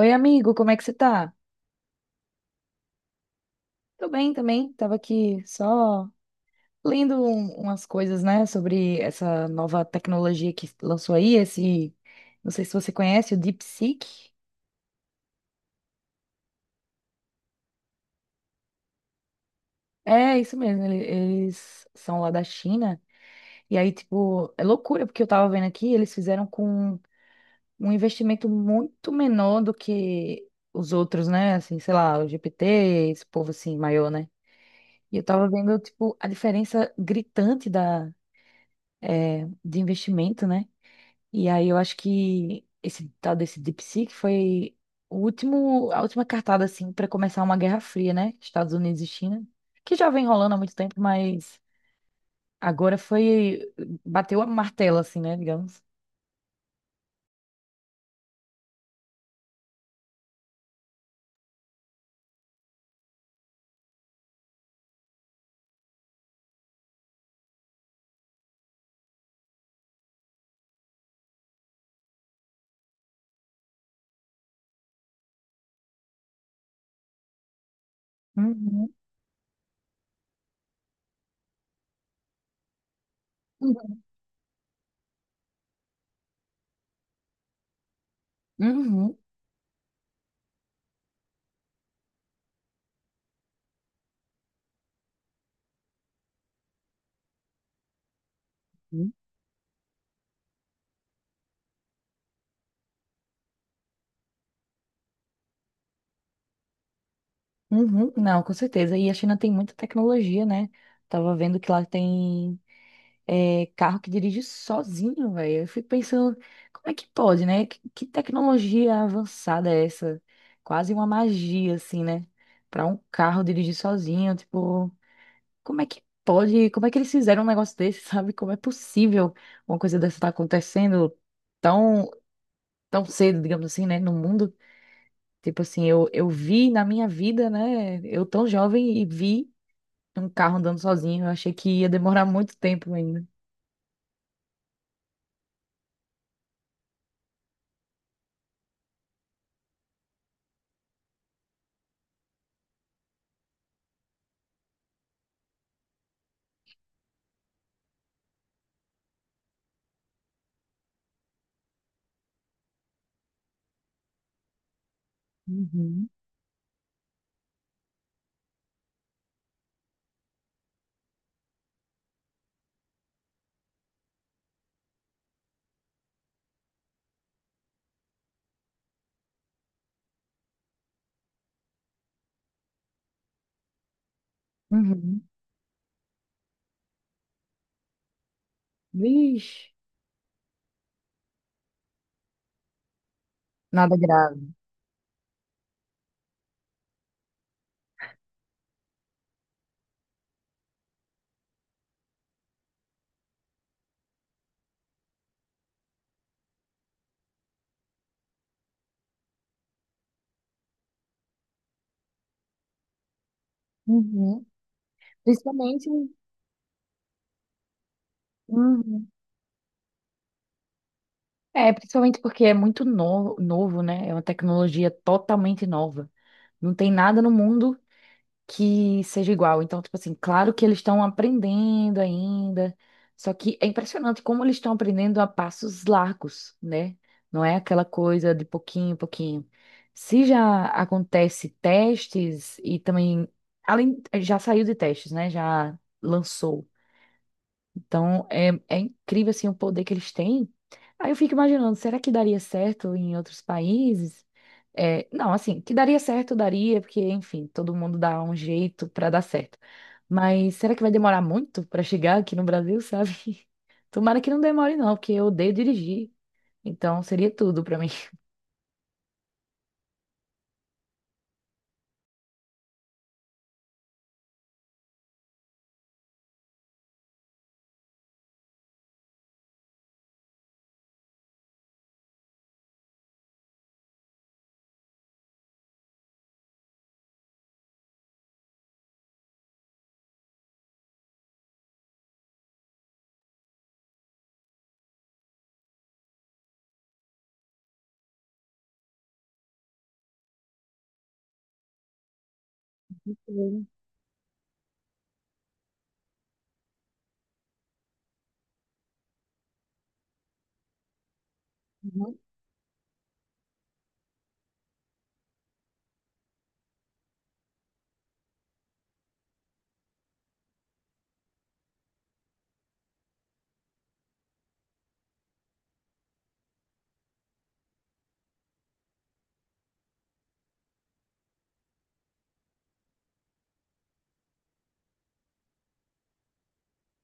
Oi, amigo, como é que você tá? Tô bem também, tava aqui só lendo umas coisas, né, sobre essa nova tecnologia que lançou aí, esse, não sei se você conhece, o DeepSeek. É, isso mesmo, eles são lá da China, e aí, tipo, é loucura, porque eu tava vendo aqui, eles fizeram com um investimento muito menor do que os outros, né, assim, sei lá, o GPT, esse povo assim, maior, né? E eu tava vendo, tipo, a diferença gritante da de investimento, né? E aí eu acho que esse tal desse DeepSeek foi o último, a última cartada, assim, para começar uma guerra fria, né? Estados Unidos e China, que já vem rolando há muito tempo, mas agora foi, bateu a martela, assim, né, digamos. Uhum. Uhum. Uhum. Não, com certeza. E a China tem muita tecnologia, né? Tava vendo que lá tem é, carro que dirige sozinho, velho. Eu fico pensando, como é que pode, né? Que tecnologia avançada é essa? Quase uma magia, assim, né? Pra um carro dirigir sozinho, tipo, como é que pode? Como é que eles fizeram um negócio desse, sabe? Como é possível uma coisa dessa estar acontecendo tão, tão cedo, digamos assim, né? No mundo. Tipo assim, eu vi na minha vida, né? Eu tão jovem e vi um carro andando sozinho. Eu achei que ia demorar muito tempo ainda. Uhum. Uhum. Vixe, nada grave. Uhum. Principalmente, uhum. É, principalmente porque é muito novo, novo, né? É uma tecnologia totalmente nova. Não tem nada no mundo que seja igual. Então, tipo assim, claro que eles estão aprendendo ainda. Só que é impressionante como eles estão aprendendo a passos largos, né? Não é aquela coisa de pouquinho em pouquinho. Se já acontece testes e também, além, já saiu de testes, né? Já lançou. Então, é incrível, assim, o poder que eles têm. Aí eu fico imaginando, será que daria certo em outros países? É, não, assim, que daria certo, daria, porque, enfim, todo mundo dá um jeito para dar certo. Mas será que vai demorar muito para chegar aqui no Brasil, sabe? Tomara que não demore, não, porque eu odeio dirigir. Então, seria tudo para mim. Sim. Uhum.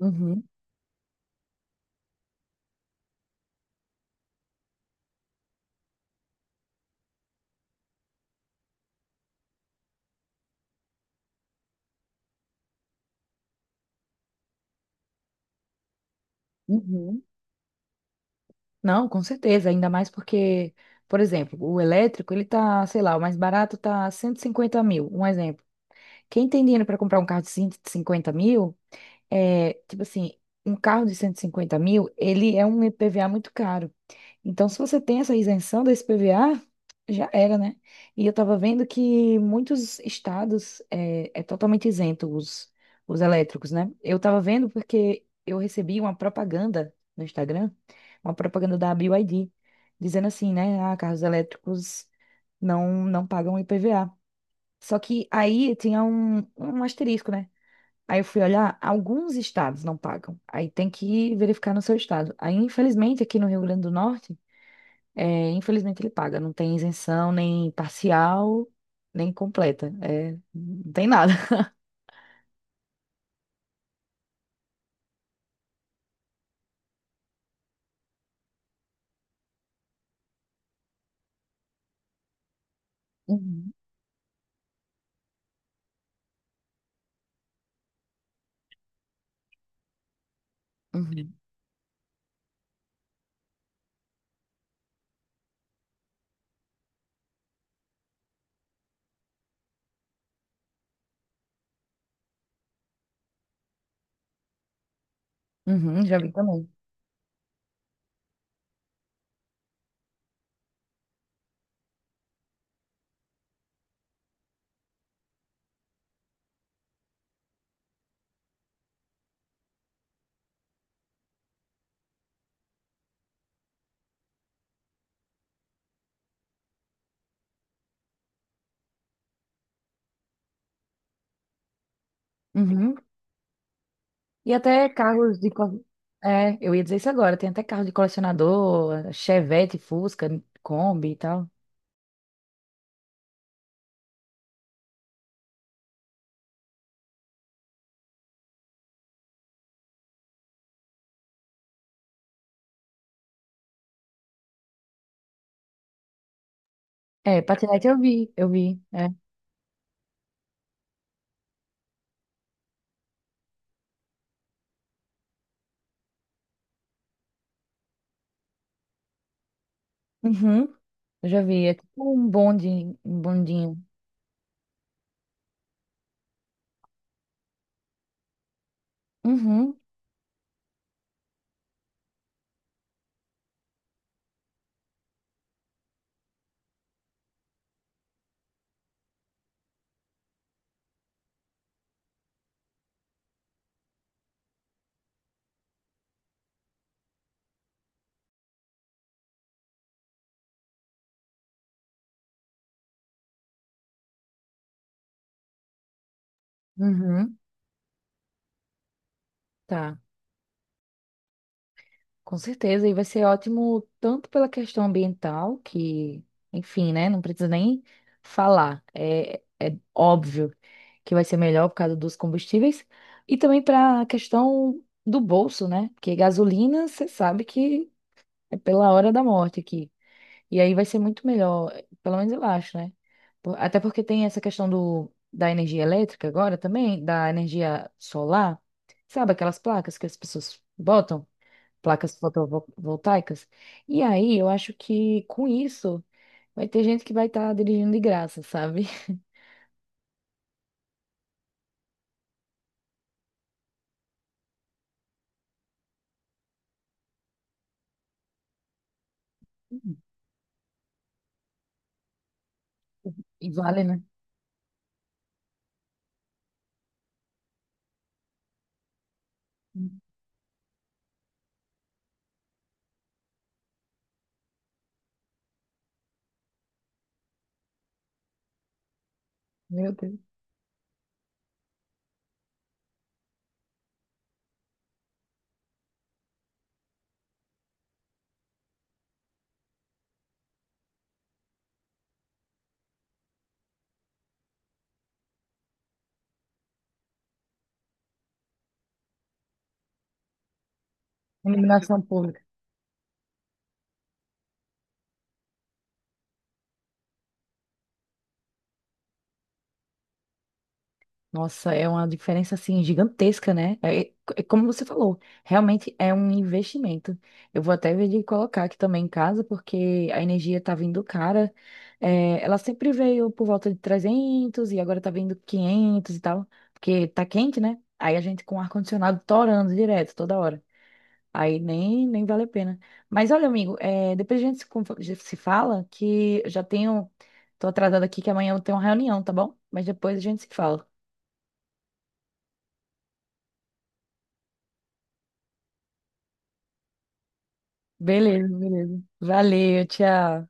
Uhum, uhum. Não, com certeza, ainda mais porque, por exemplo, o elétrico, ele tá, sei lá, o mais barato tá 150 mil, um exemplo. Quem tem dinheiro para comprar um carro de 150 mil, é, tipo assim, um carro de 150 mil, ele é um IPVA muito caro. Então, se você tem essa isenção desse IPVA, já era, né? E eu estava vendo que muitos estados é totalmente isento os, elétricos, né? Eu estava vendo porque eu recebi uma propaganda no Instagram, uma propaganda da BYD, dizendo assim, né? Ah, carros elétricos não pagam IPVA. Só que aí tinha um asterisco, né? Aí eu fui olhar, alguns estados não pagam. Aí tem que verificar no seu estado. Aí, infelizmente, aqui no Rio Grande do Norte, é, infelizmente ele paga. Não tem isenção nem parcial, nem completa. É, não tem nada. Uhum, uhum, uhum, já vi também. Uhum. E até carros. É, eu ia dizer isso agora. Tem até carro de colecionador, Chevette, Fusca, Kombi e tal. É, patinete eu vi, eu vi. É. Uhum. Eu já vi. É tipo um bonde, um bondinho. Uhum, uhum. Tá, com certeza. E vai ser ótimo tanto pela questão ambiental, que, enfim, né? Não precisa nem falar. É óbvio que vai ser melhor por causa dos combustíveis. E também para a questão do bolso, né? Porque gasolina, você sabe que é pela hora da morte aqui. E aí vai ser muito melhor, pelo menos eu acho, né? Até porque tem essa questão da energia elétrica agora também, da energia solar. Sabe aquelas placas que as pessoas botam? Placas fotovoltaicas? E aí eu acho que com isso vai ter gente que vai estar dirigindo de graça, sabe? E vale, né? Meu Deus. Iluminação pública. Nossa, é uma diferença assim gigantesca, né? É como você falou, realmente é um investimento. Eu vou até ver de colocar aqui também em casa, porque a energia tá vindo cara. É, ela sempre veio por volta de 300 e agora tá vindo 500 e tal, porque tá quente, né? Aí a gente com o ar-condicionado torando direto toda hora. Aí nem vale a pena. Mas olha, amigo, depois a gente se fala que eu já tenho. Tô atrasada aqui que amanhã eu tenho uma reunião, tá bom? Mas depois a gente se fala. Beleza, beleza. Valeu, tchau.